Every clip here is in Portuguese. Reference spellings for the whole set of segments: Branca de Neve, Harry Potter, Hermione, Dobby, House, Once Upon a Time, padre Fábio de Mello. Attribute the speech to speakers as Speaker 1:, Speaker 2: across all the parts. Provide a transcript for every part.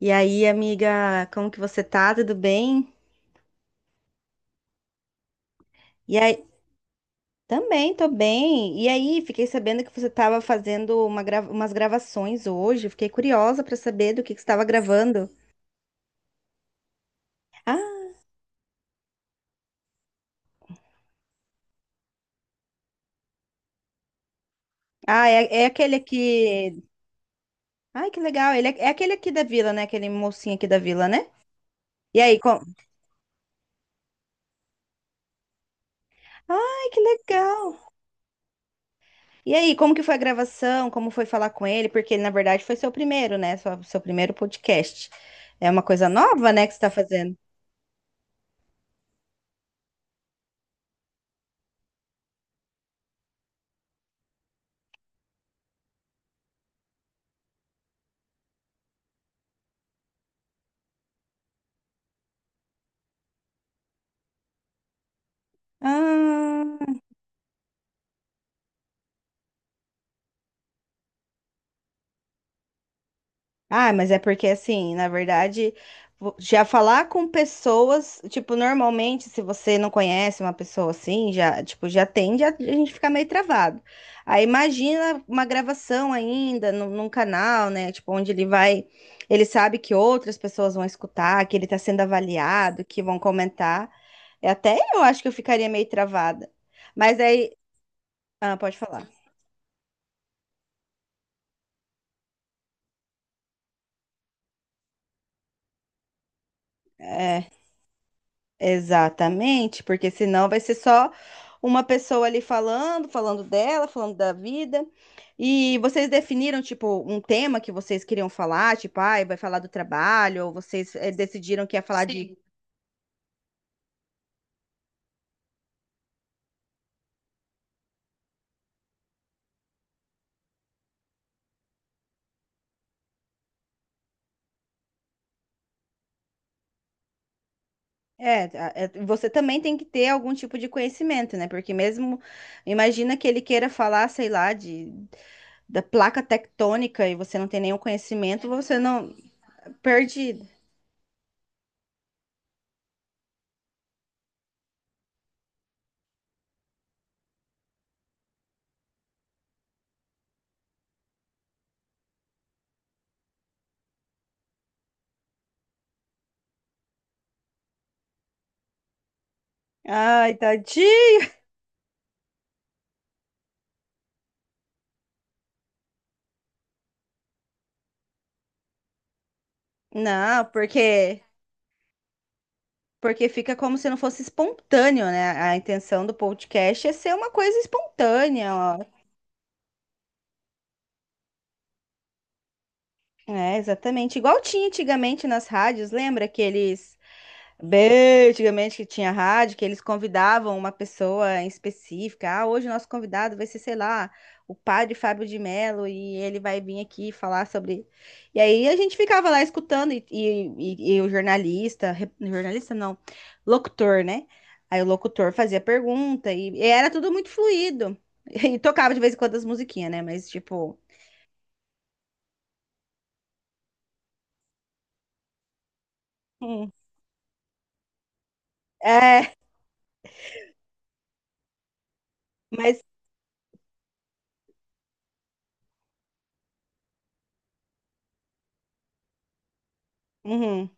Speaker 1: E aí, amiga, como que você tá? Tudo bem? E aí, também tô bem. E aí, fiquei sabendo que você estava fazendo umas gravações hoje. Fiquei curiosa para saber do que você estava gravando. Ah, ah, é, é aquele aqui. Ai, que legal. Ele é, é aquele aqui da vila, né? Aquele mocinho aqui da vila, né? E aí, como? Ai, que legal. E aí, como que foi a gravação? Como foi falar com ele? Porque ele, na verdade, foi seu primeiro, né? Seu primeiro podcast. É uma coisa nova, né, que você tá fazendo. Ah. Ah, mas é porque assim, na verdade, já falar com pessoas, tipo, normalmente, se você não conhece uma pessoa assim, já, tipo, já tende a gente ficar meio travado. Aí imagina uma gravação ainda num canal, né? Tipo, onde ele vai, ele sabe que outras pessoas vão escutar, que ele tá sendo avaliado, que vão comentar. É. Até eu acho que eu ficaria meio travada. Mas aí, ah, pode falar. É. Exatamente, porque senão vai ser só uma pessoa ali falando, falando dela, falando da vida. E vocês definiram, tipo, um tema que vocês queriam falar, tipo, ai, vai falar do trabalho, ou vocês decidiram que ia falar de. Sim. É, é, você também tem que ter algum tipo de conhecimento, né? Porque mesmo, imagina que ele queira falar, sei lá, de, da placa tectônica e você não tem nenhum conhecimento, você não. Perdido. Ai, tadinho! Não, porque porque fica como se não fosse espontâneo, né? A intenção do podcast é ser uma coisa espontânea, ó. É, exatamente. Igual tinha antigamente nas rádios, lembra que eles bem, antigamente que tinha rádio, que eles convidavam uma pessoa em específica. Ah, hoje o nosso convidado vai ser, sei lá, o padre Fábio de Mello e ele vai vir aqui falar sobre. E aí a gente ficava lá escutando e o jornalista, re- jornalista não, locutor, né? Aí o locutor fazia pergunta e era tudo muito fluido. E tocava de vez em quando as musiquinhas, né? Mas tipo, hum, é, mas uhum,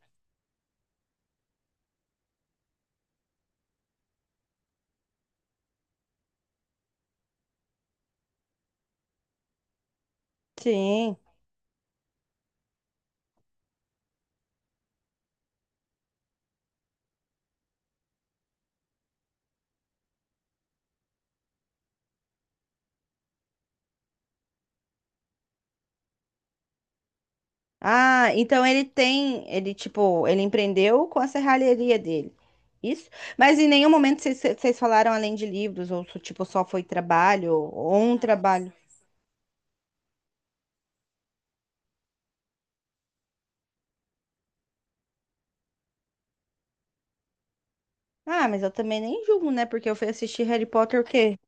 Speaker 1: sim. Ah, então ele tem, ele tipo, ele empreendeu com a serralheria dele. Isso? Mas em nenhum momento vocês falaram além de livros, ou tipo, só foi trabalho, ou um trabalho. Ah, mas eu também nem julgo, né? Porque eu fui assistir Harry Potter o quê?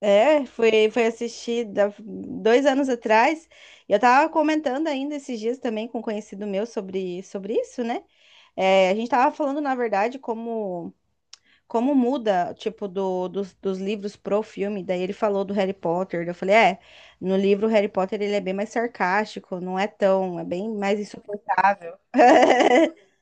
Speaker 1: É, foi, foi assistir 2 anos atrás. E eu tava comentando ainda esses dias também com um conhecido meu sobre isso, né? É, a gente tava falando, na verdade, como. Como muda, tipo, dos livros pro filme, daí ele falou do Harry Potter, daí eu falei, é, no livro o Harry Potter ele é bem mais sarcástico, não é tão, é bem mais insuportável.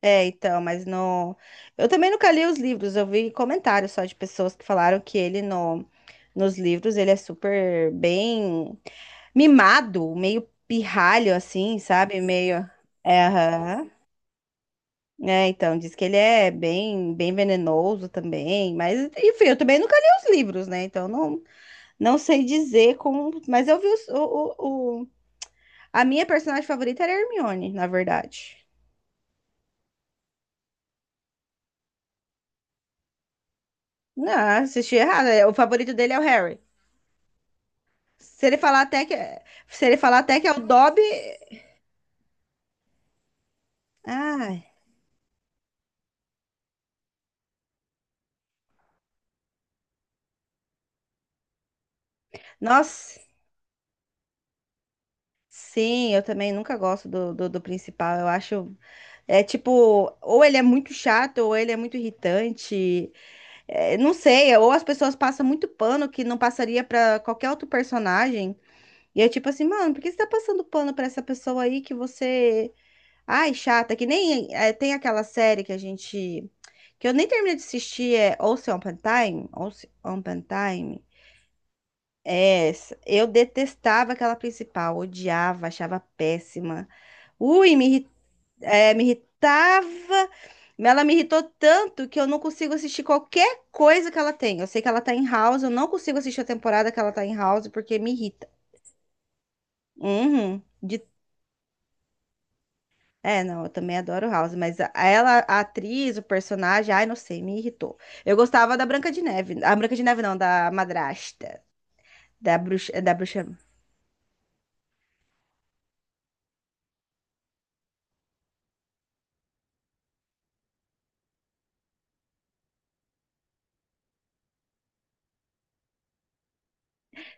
Speaker 1: É, então, mas no... Eu também nunca li os livros, eu vi comentários só de pessoas que falaram que ele no... Nos livros ele é super bem mimado, meio pirralho, assim, sabe? Meio... É, aham. É, então, diz que ele é bem, bem venenoso também, mas enfim, eu também nunca li os livros, né? Então não, não sei dizer como, mas eu vi a minha personagem favorita era a Hermione, na verdade. Não, assisti errado. O favorito dele é o Harry. Se ele falar até que, se ele falar até que é o Dobby, ai, nossa. Sim, eu também nunca gosto do principal. Eu acho é tipo, ou ele é muito chato, ou ele é muito irritante. É, não sei, ou as pessoas passam muito pano que não passaria pra qualquer outro personagem. E é tipo assim, mano, por que você tá passando pano pra essa pessoa aí que você. Ai, chata, que nem é, tem aquela série que a gente. Que eu nem terminei de assistir, é Once Upon a Time. Once Upon a Time. É, essa. Eu detestava aquela principal, odiava, achava péssima. Ui, me irritava. Ela me irritou tanto que eu não consigo assistir qualquer coisa que ela tem. Eu sei que ela tá em House, eu não consigo assistir a temporada que ela tá em House porque me irrita. Uhum. De- É, não, eu também adoro House, mas ela, a atriz, o personagem, ai, não sei, me irritou. Eu gostava da Branca de Neve. A Branca de Neve não, da madrasta, da bruxa.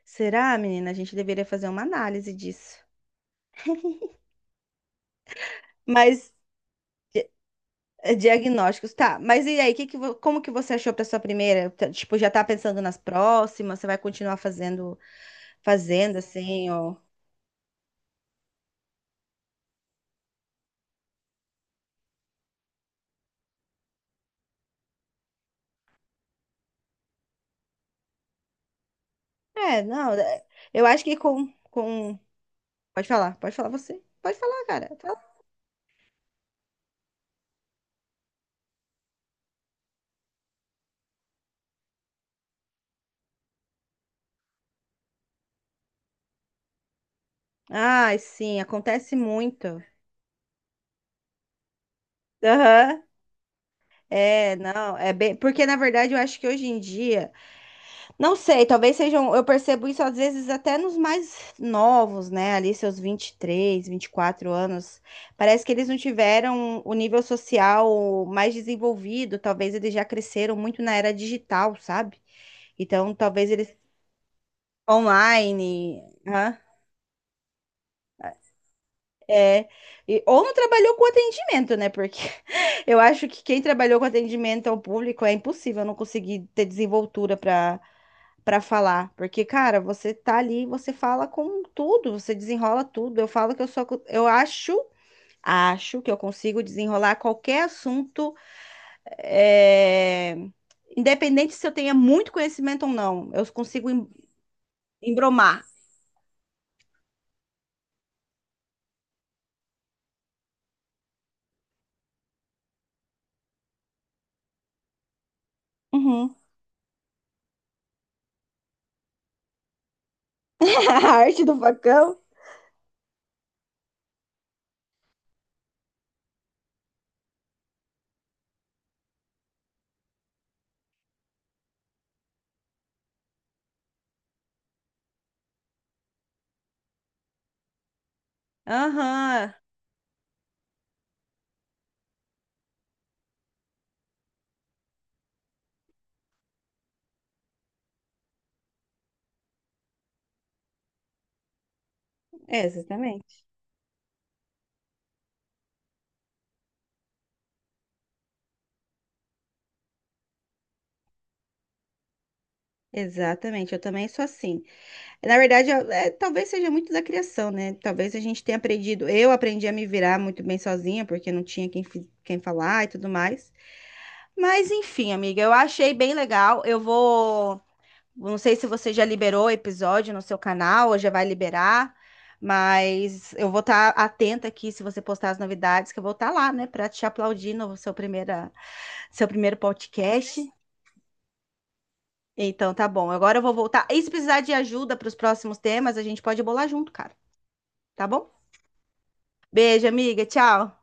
Speaker 1: Será, menina? A gente deveria fazer uma análise disso. Mas é, diagnósticos, tá. Mas e aí, como que você achou para sua primeira? Tá, tipo, já tá pensando nas próximas? Você vai continuar fazendo, fazendo assim, ou... É, não, é, eu acho que pode falar você. Pode falar, cara. Fala. Ai, sim, acontece muito. Aham. É, não, é bem... Porque, na verdade, eu acho que hoje em dia... Não sei, talvez sejam. Eu percebo isso às vezes até nos mais novos, né? Ali, seus 23, 24 anos. Parece que eles não tiveram o nível social mais desenvolvido. Talvez eles já cresceram muito na era digital, sabe? Então, talvez eles online. Hã? É. Ou não trabalhou com atendimento, né? Porque eu acho que quem trabalhou com atendimento ao público é impossível não conseguir ter desenvoltura para falar, porque cara, você tá ali, você fala com tudo, você desenrola tudo. Eu falo que eu sou, eu acho, acho que eu consigo desenrolar qualquer assunto, é, independente se eu tenha muito conhecimento ou não, eu consigo embromar. Uhum. A arte do facão. Aham. É, exatamente. Exatamente, eu também sou assim. Na verdade, é, talvez seja muito da criação, né? Talvez a gente tenha aprendido. Eu aprendi a me virar muito bem sozinha, porque não tinha quem, quem falar e tudo mais. Mas enfim, amiga, eu achei bem legal. Eu vou. Não sei se você já liberou o episódio no seu canal, ou já vai liberar, mas eu vou estar atenta aqui se você postar as novidades, que eu vou estar lá, né, para te aplaudir no seu primeiro podcast. Então tá bom. Agora eu vou voltar. E se precisar de ajuda para os próximos temas, a gente pode bolar junto, cara. Tá bom? Beijo, amiga. Tchau.